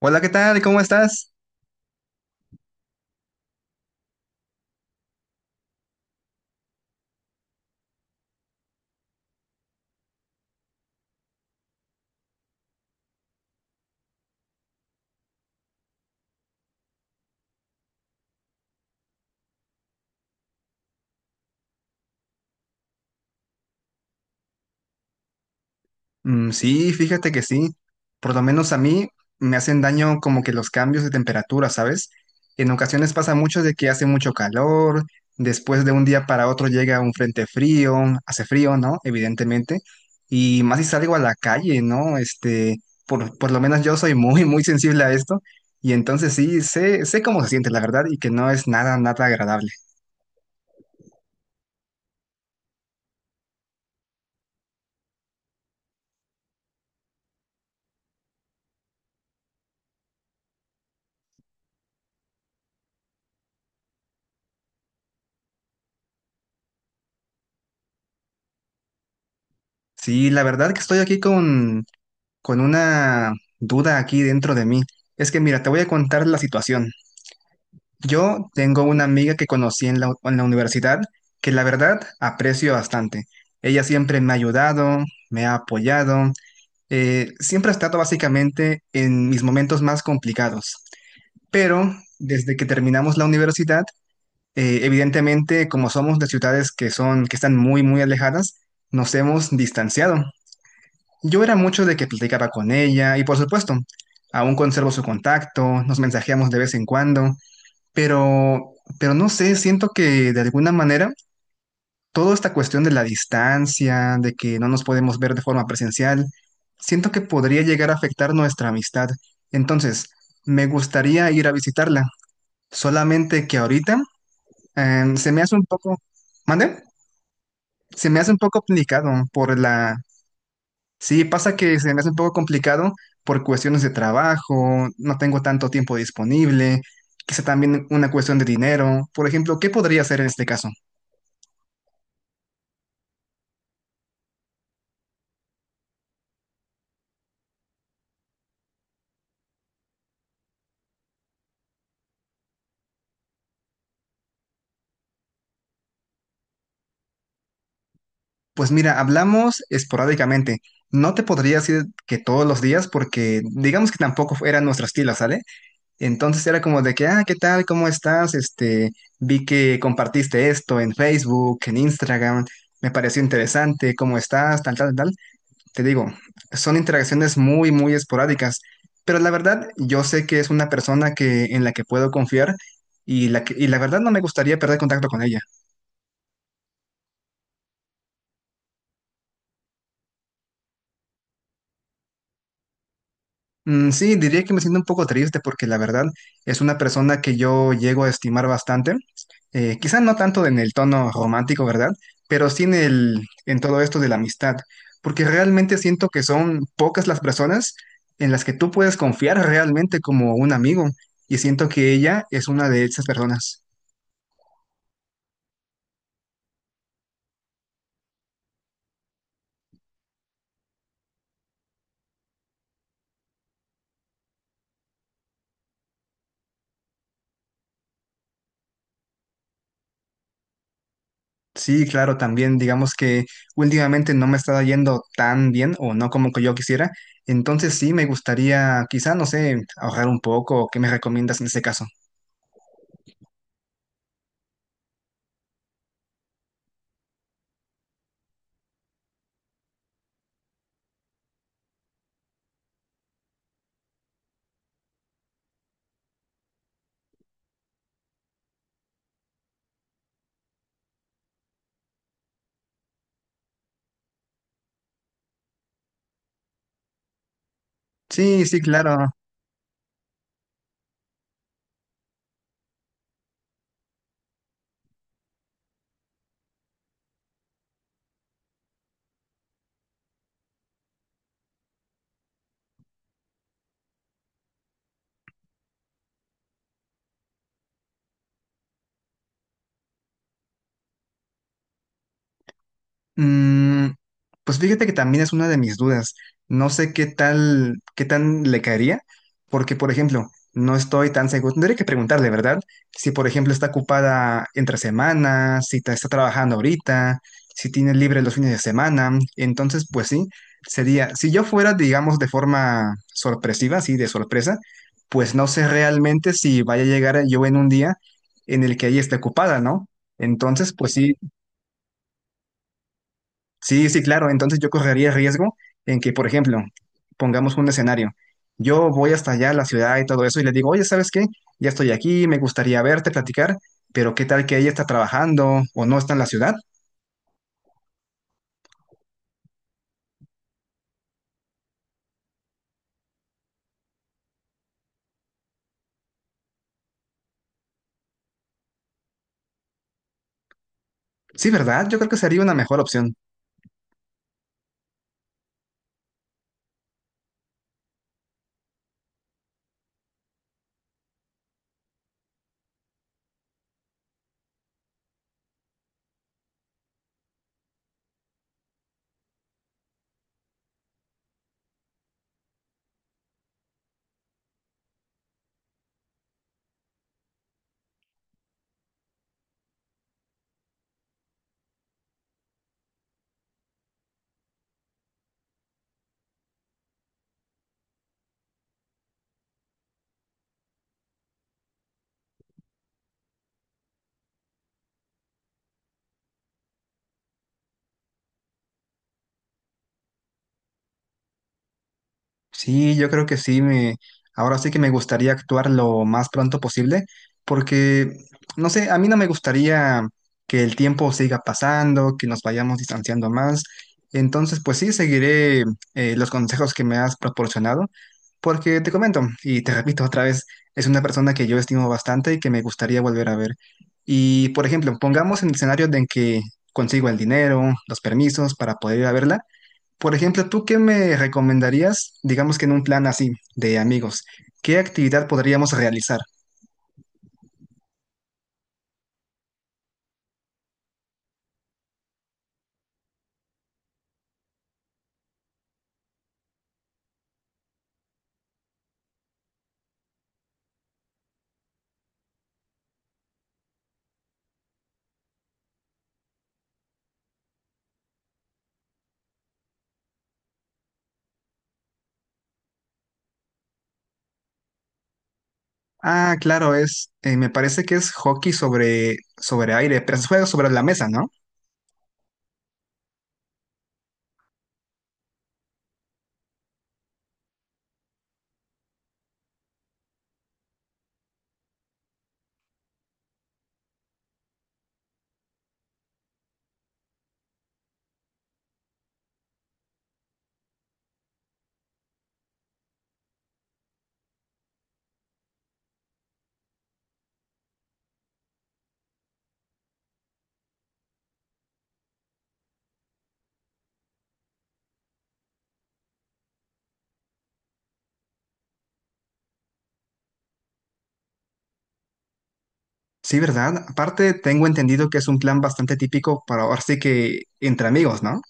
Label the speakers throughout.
Speaker 1: Hola, ¿qué tal? ¿Cómo estás? Mm, sí, fíjate que sí. Por lo menos a mí me hacen daño como que los cambios de temperatura, ¿sabes? En ocasiones pasa mucho de que hace mucho calor, después de un día para otro llega un frente frío, hace frío, ¿no? Evidentemente. Y más si salgo a la calle, ¿no? Por lo menos yo soy muy, muy sensible a esto. Y entonces sí, sé cómo se siente, la verdad, y que no es nada, nada agradable. Sí, la verdad que estoy aquí con una duda aquí dentro de mí. Es que mira, te voy a contar la situación. Yo tengo una amiga que conocí en la universidad que la verdad aprecio bastante. Ella siempre me ha ayudado, me ha apoyado, siempre ha estado básicamente en mis momentos más complicados. Pero desde que terminamos la universidad, evidentemente como somos de ciudades que están muy, muy alejadas, nos hemos distanciado. Yo era mucho de que platicaba con ella y por supuesto, aún conservo su contacto, nos mensajeamos de vez en cuando, pero, pero no sé, siento que de alguna manera toda esta cuestión de la distancia, de que no nos podemos ver de forma presencial, siento que podría llegar a afectar nuestra amistad. Entonces, me gustaría ir a visitarla, solamente que ahorita se me hace un poco, ¿mande? Se me hace un poco complicado por la, sí, pasa que se me hace un poco complicado por cuestiones de trabajo, no tengo tanto tiempo disponible, quizá también una cuestión de dinero. Por ejemplo, ¿qué podría hacer en este caso? Pues mira, hablamos esporádicamente. No te podría decir que todos los días porque digamos que tampoco era nuestro estilo, ¿sale? Entonces era como de que, ah, ¿qué tal? ¿Cómo estás? Este, vi que compartiste esto en Facebook, en Instagram, me pareció interesante, ¿cómo estás? Tal, tal, tal. Te digo, son interacciones muy, muy esporádicas, pero la verdad yo sé que es una persona que, en la que puedo confiar y la verdad no me gustaría perder contacto con ella. Mm, sí, diría que me siento un poco triste porque la verdad es una persona que yo llego a estimar bastante, quizá no tanto en el tono romántico, ¿verdad? Pero sí en todo esto de la amistad, porque realmente siento que son pocas las personas en las que tú puedes confiar realmente como un amigo y siento que ella es una de esas personas. Sí, claro, también digamos que últimamente no me está yendo tan bien o no como que yo quisiera, entonces sí me gustaría quizá, no sé, ahorrar un poco, ¿qué me recomiendas en ese caso? Sí, sí, claro. Mm, pues fíjate que también es una de mis dudas. No sé qué tan le caería, porque, por ejemplo, no estoy tan seguro. Tendría que preguntarle, ¿verdad? Si, por ejemplo, está ocupada entre semanas, si está trabajando ahorita, si tiene libre los fines de semana. Entonces, pues sí, sería, si yo fuera, digamos, de forma sorpresiva, así de sorpresa, pues no sé realmente si vaya a llegar yo en un día en el que ella esté ocupada, ¿no? Entonces, pues sí. Sí, sí, claro. Entonces yo correría riesgo en que, por ejemplo, pongamos un escenario. Yo voy hasta allá a la ciudad y todo eso y le digo, oye, ¿sabes qué? Ya estoy aquí, me gustaría verte, platicar, pero ¿qué tal que ella está trabajando o no está en la ciudad? Sí, ¿verdad? Yo creo que sería una mejor opción. Sí, yo creo que sí, me, ahora sí que me gustaría actuar lo más pronto posible, porque, no sé, a mí no me gustaría que el tiempo siga pasando, que nos vayamos distanciando más. Entonces, pues sí, seguiré los consejos que me has proporcionado, porque te comento, y te repito otra vez, es una persona que yo estimo bastante y que me gustaría volver a ver. Y, por ejemplo, pongamos en el escenario de en que consigo el dinero, los permisos para poder ir a verla. Por ejemplo, ¿tú qué me recomendarías, digamos que en un plan así, de amigos? ¿Qué actividad podríamos realizar? Ah, claro, me parece que es hockey sobre aire, pero se juega sobre la mesa, ¿no? Sí, ¿verdad? Aparte, tengo entendido que es un plan bastante típico para ahora sí que entre amigos, ¿no?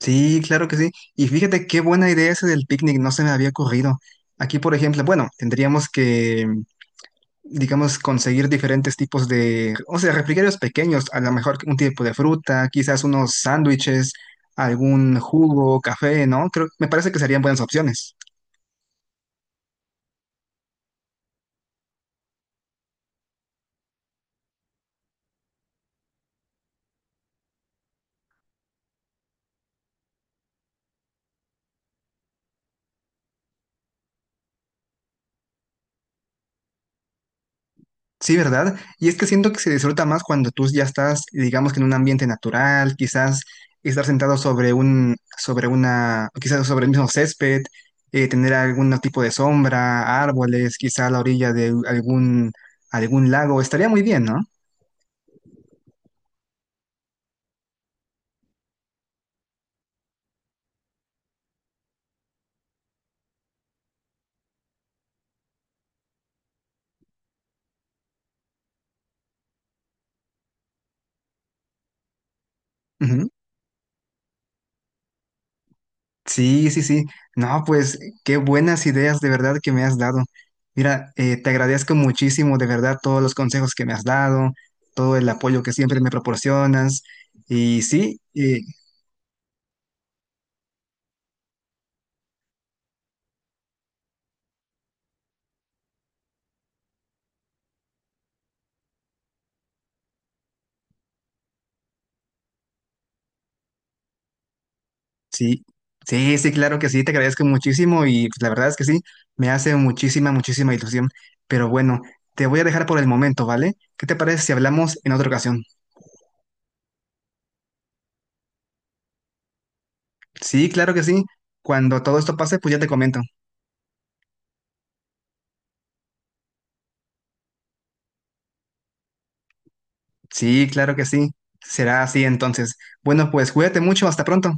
Speaker 1: Sí, claro que sí. Y fíjate qué buena idea esa del picnic, no se me había ocurrido. Aquí, por ejemplo, bueno, tendríamos que, digamos, conseguir diferentes tipos de, o sea, refrigerios pequeños, a lo mejor un tipo de fruta, quizás unos sándwiches, algún jugo, café, ¿no? Creo, me parece que serían buenas opciones. Sí, ¿verdad? Y es que siento que se disfruta más cuando tú ya estás, digamos que en un ambiente natural, quizás estar sentado sobre un, sobre una, quizás sobre el mismo césped, tener algún tipo de sombra, árboles, quizás a la orilla de algún lago, estaría muy bien, ¿no? Sí, sí, sí. No, pues qué buenas ideas de verdad que me has dado. Mira, te agradezco muchísimo de verdad todos los consejos que me has dado, todo el apoyo que siempre me proporcionas. Y sí, sí, sí, claro que sí, te agradezco muchísimo y pues, la verdad es que sí, me hace muchísima, muchísima ilusión. Pero bueno, te voy a dejar por el momento, ¿vale? ¿Qué te parece si hablamos en otra ocasión? Sí, claro que sí. Cuando todo esto pase, pues ya te comento. Sí, claro que sí. Será así entonces. Bueno, pues cuídate mucho. Hasta pronto.